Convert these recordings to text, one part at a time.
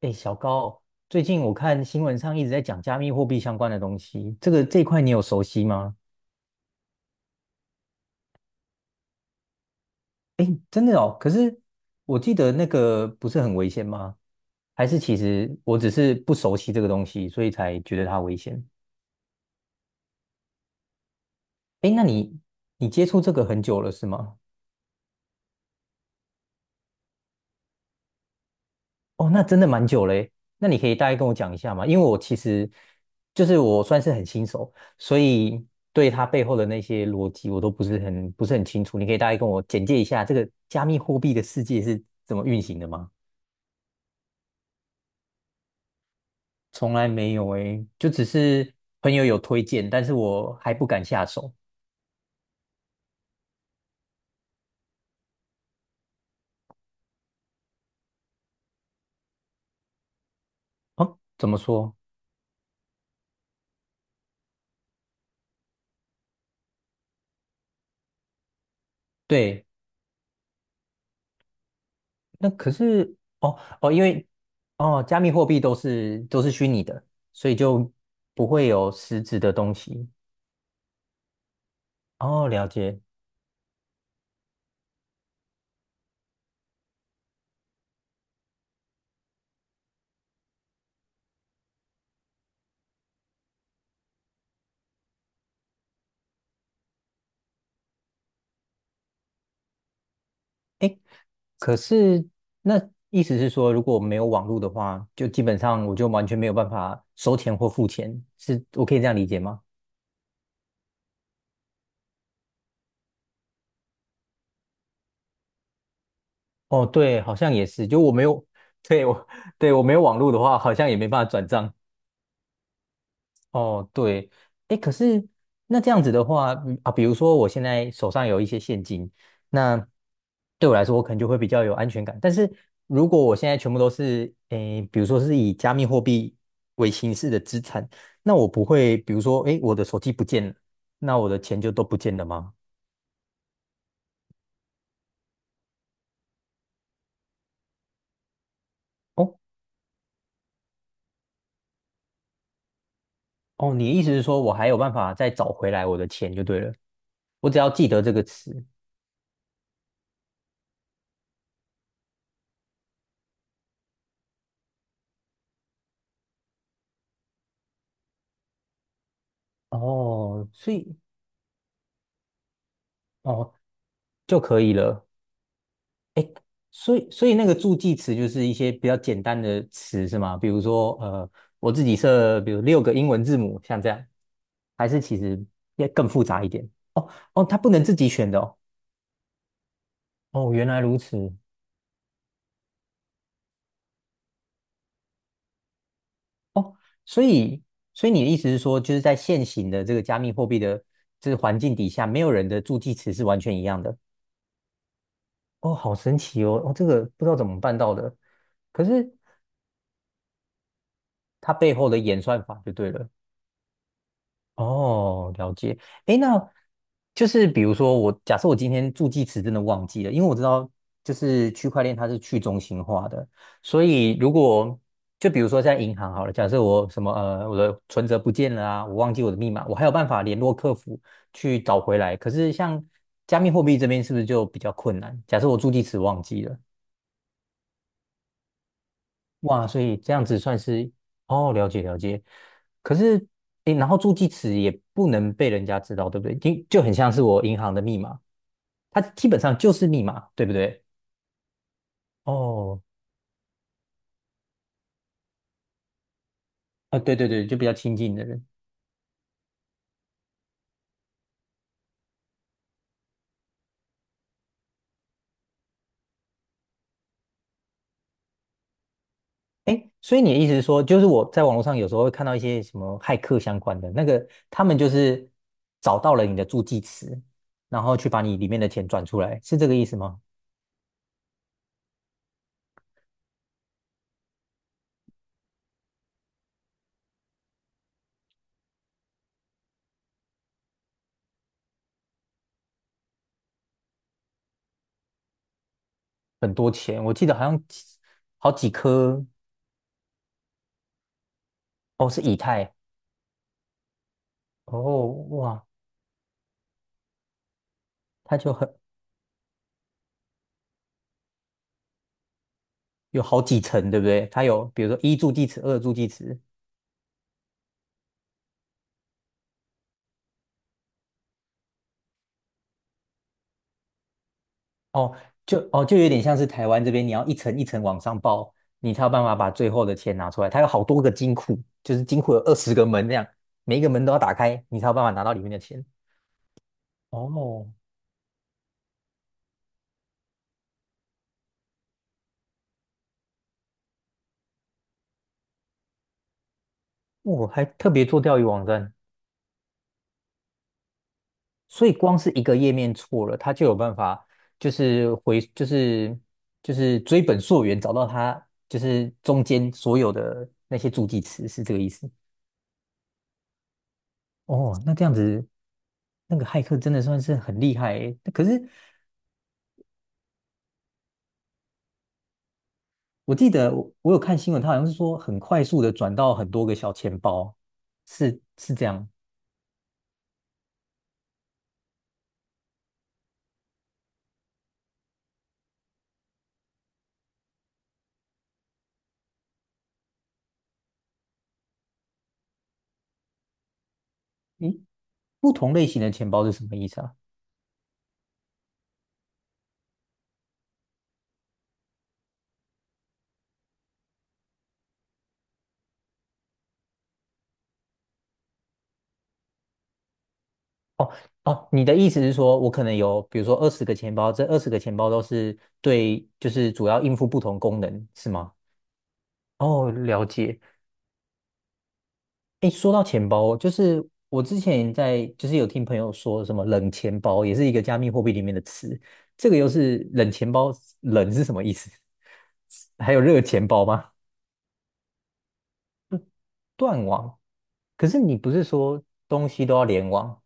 哎，小高，最近我看新闻上一直在讲加密货币相关的东西，这一块你有熟悉吗？哎，真的哦，可是我记得那个不是很危险吗？还是其实我只是不熟悉这个东西，所以才觉得它危险？哎，那你接触这个很久了是吗？哦，那真的蛮久嘞。那你可以大概跟我讲一下吗？因为我其实就是我算是很新手，所以对它背后的那些逻辑我都不是很清楚。你可以大概跟我简介一下这个加密货币的世界是怎么运行的吗？从来没有诶，就只是朋友有推荐，但是我还不敢下手。哦，怎么说？对，那可是哦哦，因为哦，加密货币都是虚拟的，所以就不会有实质的东西。哦，了解。哎，可是那意思是说，如果没有网络的话，就基本上我就完全没有办法收钱或付钱，是我可以这样理解吗？哦，对，好像也是，就我没有，对，我，对，我没有网络的话，好像也没办法转账。哦，对，哎，可是那这样子的话，嗯啊，比如说我现在手上有一些现金，那对我来说，我可能就会比较有安全感。但是如果我现在全部都是，诶，比如说是以加密货币为形式的资产，那我不会，比如说，诶，我的手机不见了，那我的钱就都不见了吗？哦哦，你的意思是说我还有办法再找回来我的钱就对了，我只要记得这个词，哦，所以哦就可以了。哎，所以那个助记词就是一些比较简单的词是吗？比如说，我自己设，比如六个英文字母，像这样，还是其实要更复杂一点？哦哦，它不能自己选的哦。哦，原来如此。哦，所以所以你的意思是说，就是在现行的这个加密货币的这个环境底下，没有人的助记词是完全一样的。哦，好神奇哦！哦，这个不知道怎么办到的，可是它背后的演算法就对了。哦，了解。诶，那就是比如说我，假设我今天助记词真的忘记了，因为我知道就是区块链它是去中心化的，所以如果就比如说在银行好了，假设我什么我的存折不见了啊，我忘记我的密码，我还有办法联络客服去找回来。可是像加密货币这边是不是就比较困难？假设我助记词忘记了。哇，所以这样子算是哦，了解了解。可是，诶，然后助记词也不能被人家知道，对不对？就很像是我银行的密码，它基本上就是密码，对不对？哦，啊，对对对，就比较亲近的人。诶，所以你的意思是说，就是我在网络上有时候会看到一些什么骇客相关的那个，他们就是找到了你的助记词，然后去把你里面的钱转出来，是这个意思吗？很多钱，我记得好像几好几颗，哦，是以太。哦，哇，它就很有好几层，对不对？它有比如说一助记词、二助记词，哦，就哦就有点像是台湾这边，你要一层一层往上报，你才有办法把最后的钱拿出来。它有好多个金库，就是金库有二十个门这样，每一个门都要打开，你才有办法拿到里面的钱。哦，我还特别做钓鱼网站，所以光是一个页面错了，它就有办法就是回就是就是追本溯源，找到它就是中间所有的那些助记词，是这个意思。哦，那这样子，那个骇客真的算是很厉害诶。可是我记得我有看新闻，他好像是说很快速的转到很多个小钱包，是是这样。咦，不同类型的钱包是什么意思啊？哦哦，你的意思是说我可能有，比如说二十个钱包，这二十个钱包都是对，就是主要应付不同功能，是吗？哦，了解。哎，说到钱包，就是我之前就是有听朋友说什么冷钱包，也是一个加密货币里面的词。这个又是冷钱包，冷是什么意思？还有热钱包吗？断网。可是你不是说东西都要联网？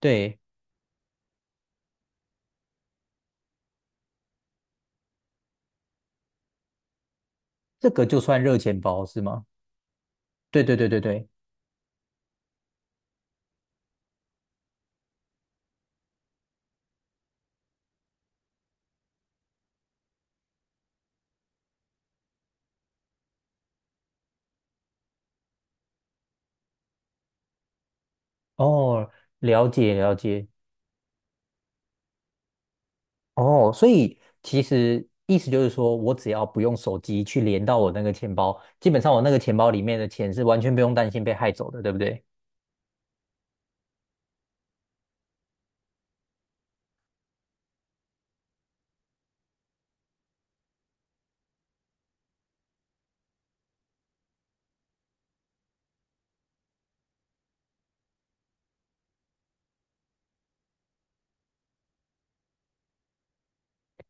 对，这个就算热钱包是吗？对对对对对。哦，了解了解。哦，所以其实意思就是说，我只要不用手机去连到我那个钱包，基本上我那个钱包里面的钱是完全不用担心被害走的，对不对？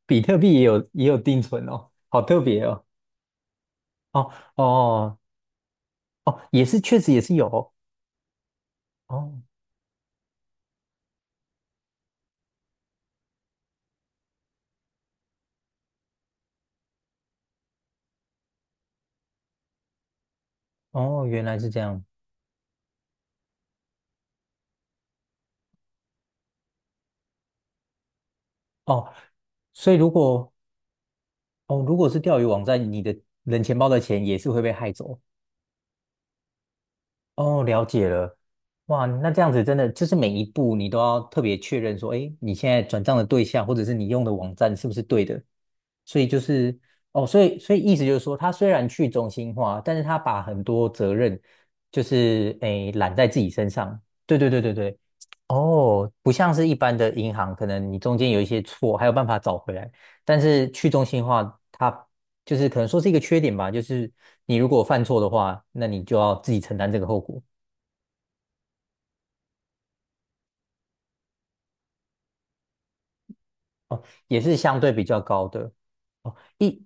比特币也有定存哦，好特别哦。哦哦哦，也是，确实也是有哦哦，哦原来是这样哦。所以如果哦如果是钓鱼网站，你的冷钱包的钱也是会被害走哦，了解了。哇，那这样子真的就是每一步你都要特别确认说，哎，你现在转账的对象或者是你用的网站是不是对的？所以就是哦，所以意思就是说，他虽然去中心化，但是他把很多责任就是诶揽在自己身上。对对对对对，哦，不像是一般的银行，可能你中间有一些错，还有办法找回来。但是去中心化，它就是可能说是一个缺点吧，就是你如果犯错的话，那你就要自己承担这个后果。哦，也是相对比较高的。哦，一，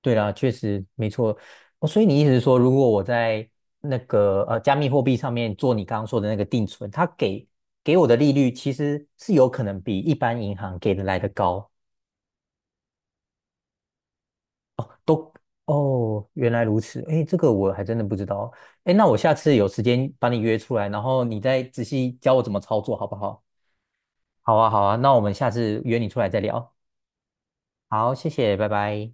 对啦，确实没错。哦，所以你意思是说，如果我在那个加密货币上面做你刚刚说的那个定存，它给我的利率其实是有可能比一般银行给的来的高哦，都哦，原来如此。哎，这个我还真的不知道。哎，那我下次有时间把你约出来，然后你再仔细教我怎么操作，好不好？好啊，好啊，那我们下次约你出来再聊。好，谢谢，拜拜。